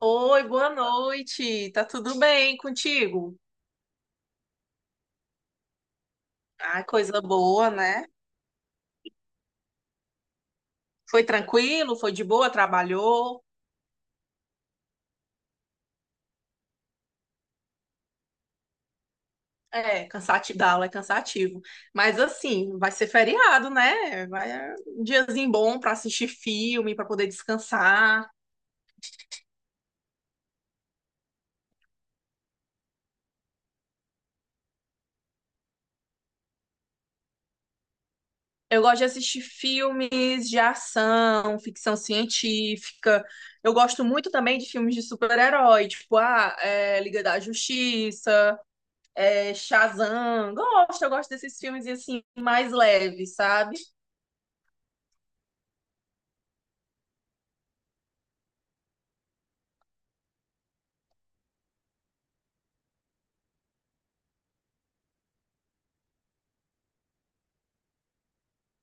Oi, boa noite. Tá tudo bem contigo? Ah, coisa boa, né? Foi tranquilo, foi de boa, trabalhou. É, cansativo, dar aula é cansativo. Mas assim, vai ser feriado, né? Vai é um diazinho bom pra assistir filme, pra poder descansar. Eu gosto de assistir filmes de ação, ficção científica. Eu gosto muito também de filmes de super-herói, tipo, ah, é, Liga da Justiça. É, Shazam. Gosto, eu gosto desses filmes assim, mais leves, sabe?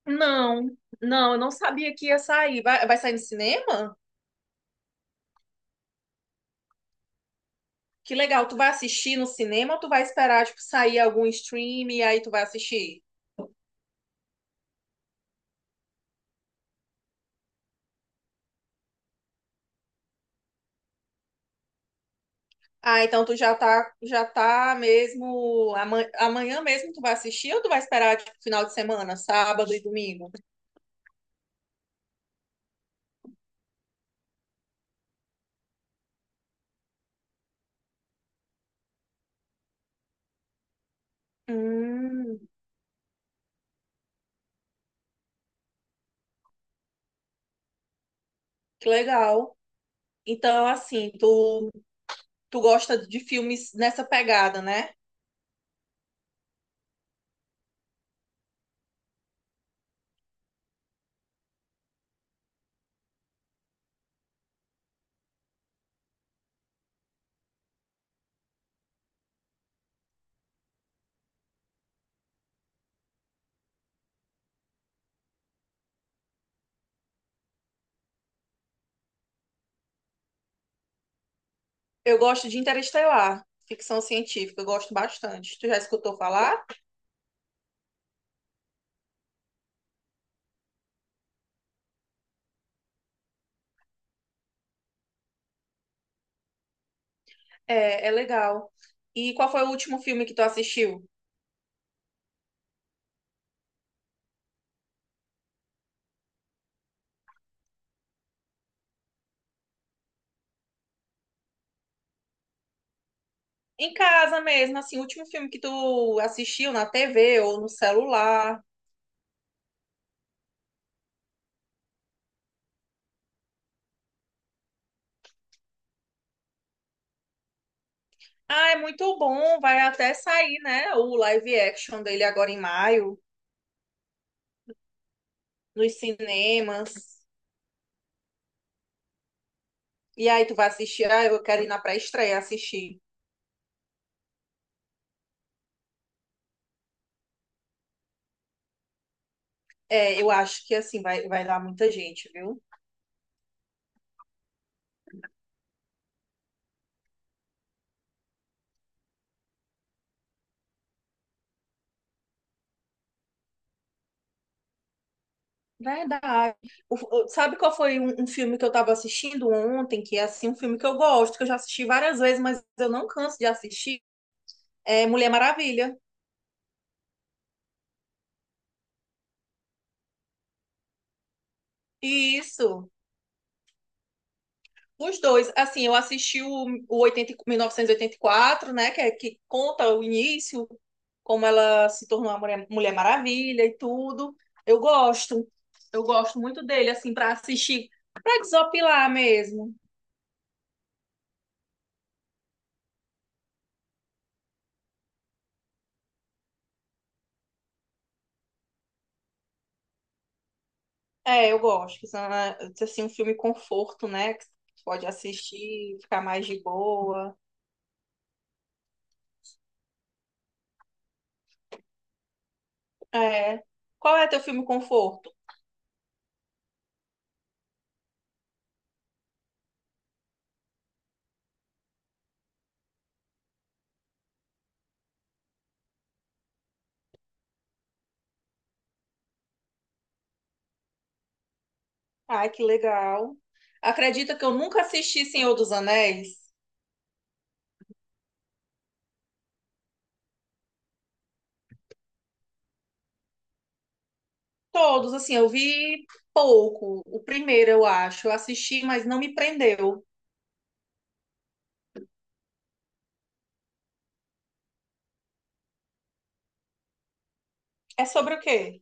Não, não, eu não sabia que ia sair. Vai, vai sair no cinema? Que legal, tu vai assistir no cinema ou tu vai esperar, tipo, sair algum stream e aí tu vai assistir? Ah, então tu já tá mesmo, amanhã, amanhã mesmo tu vai assistir ou tu vai esperar, tipo, final de semana, sábado e domingo? Hum, que legal. Então, assim, tu gosta de filmes nessa pegada, né? Eu gosto de Interestelar, ficção científica, eu gosto bastante. Tu já escutou falar? É, é legal. E qual foi o último filme que tu assistiu? Em casa mesmo, assim, o último filme que tu assistiu na TV ou no celular? Ah, é muito bom. Vai até sair, né? O live action dele agora em maio, nos cinemas. E aí tu vai assistir. Ah, eu quero ir na pré-estreia assistir. É, eu acho que assim vai, vai dar muita gente, viu? Verdade. O- sabe qual foi um filme que eu tava assistindo ontem, que é assim, um filme que eu gosto, que eu já assisti várias vezes, mas eu não canso de assistir? É Mulher Maravilha. Isso. Os dois, assim, eu assisti o 80, e- 1984, né, que, é, que conta o início, como ela se tornou a Mulher, Mulher Maravilha e tudo. Eu gosto, eu gosto muito dele, assim, para assistir, para desopilar mesmo. É, eu gosto, que são, ah, assim, um filme conforto, né, que você pode assistir, ficar mais de boa. É. Qual é teu filme conforto? Ai, que legal. Acredita que eu nunca assisti Senhor dos Anéis? Todos, assim, eu vi pouco. O primeiro, eu acho. Eu assisti, mas não me prendeu. É sobre o quê?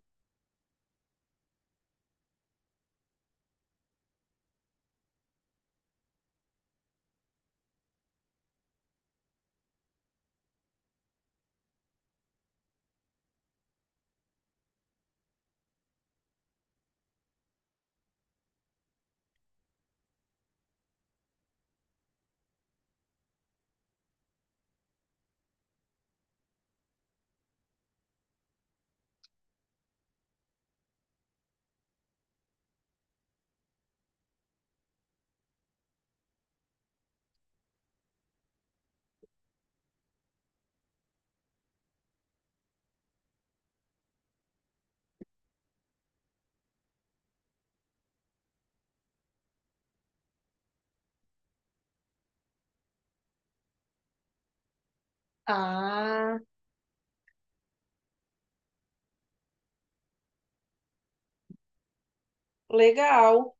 Ah, legal.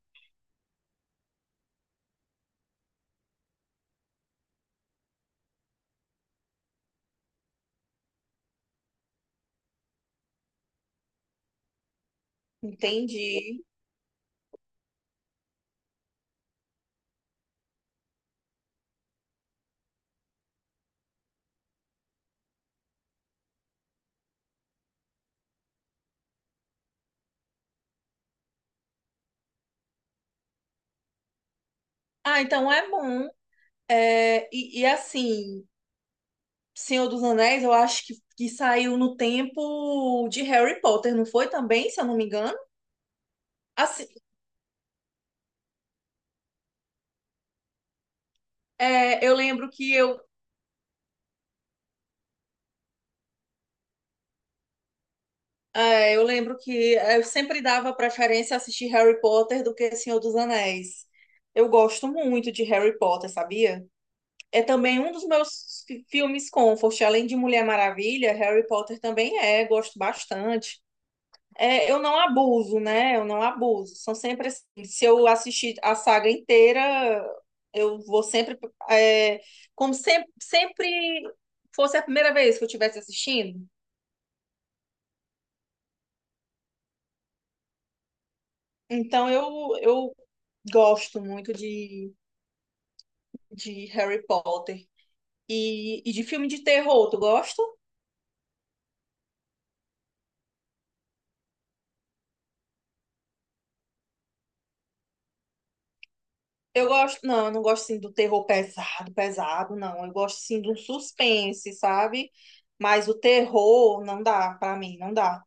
Entendi. Ah, então é bom. É, e assim, Senhor dos Anéis, eu acho que saiu no tempo de Harry Potter, não foi também, se eu não me engano? Assim, é, eu lembro que eu, é, eu lembro que eu sempre dava preferência a assistir Harry Potter do que Senhor dos Anéis. Eu gosto muito de Harry Potter, sabia? É também um dos meus fi- filmes comfort, além de Mulher Maravilha, Harry Potter também é, gosto bastante. É, eu não abuso, né? Eu não abuso. São sempre assim. Se eu assistir a saga inteira, eu vou sempre, é, como sempre, sempre fosse a primeira vez que eu estivesse assistindo. Então eu gosto muito de Harry Potter e de filme de terror. Tu gosta? Eu gosto, não, eu não gosto sim do terror pesado, pesado, não. Eu gosto sim de um suspense, sabe? Mas o terror não dá pra mim, não dá.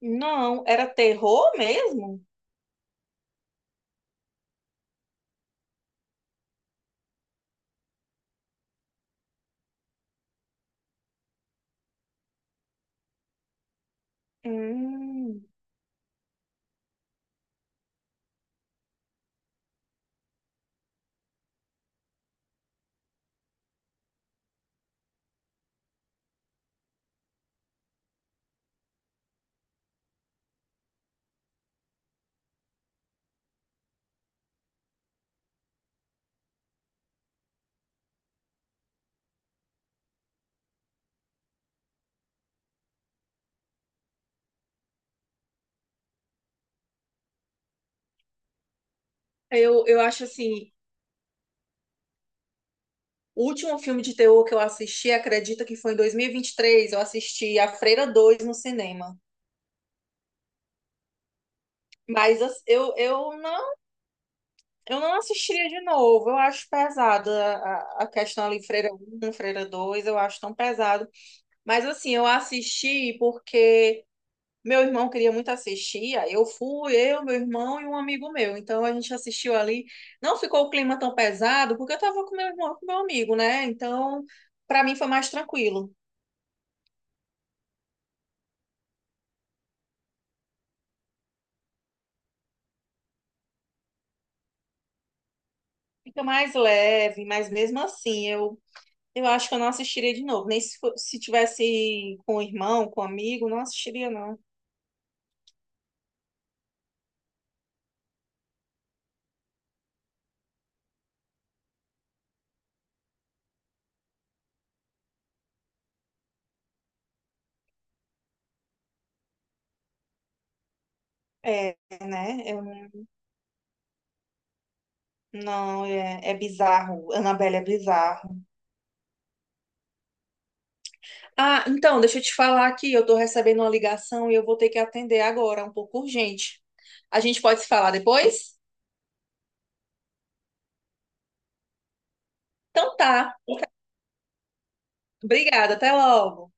Não, era terror mesmo? Hum, eu acho assim, o último filme de terror que eu assisti, acredita que foi em dois mil e vinte e três eu assisti A Freira 2 no cinema. Mas as- eu não, eu não assistiria de novo. Eu acho pesado a questão ali Freira 1 Freira 2 eu acho tão pesado. Mas assim, eu assisti porque meu irmão queria muito assistir, aí eu fui, eu, meu irmão e um amigo meu. Então a gente assistiu ali. Não ficou o clima tão pesado, porque eu tava com meu irmão, com meu amigo, né? Então, para mim foi mais tranquilo. Fica mais leve, mas mesmo assim, eu acho que eu não assistiria de novo. Nem se, fo- se tivesse com o irmão, com o amigo, não assistiria, não. É, né? Eu, não, não, é, é bizarro. Annabelle é bizarro. Ah, então, deixa eu te falar aqui, eu tô recebendo uma ligação e eu vou ter que atender agora, é um pouco urgente. A gente pode se falar depois? Então tá. Obrigada, até logo.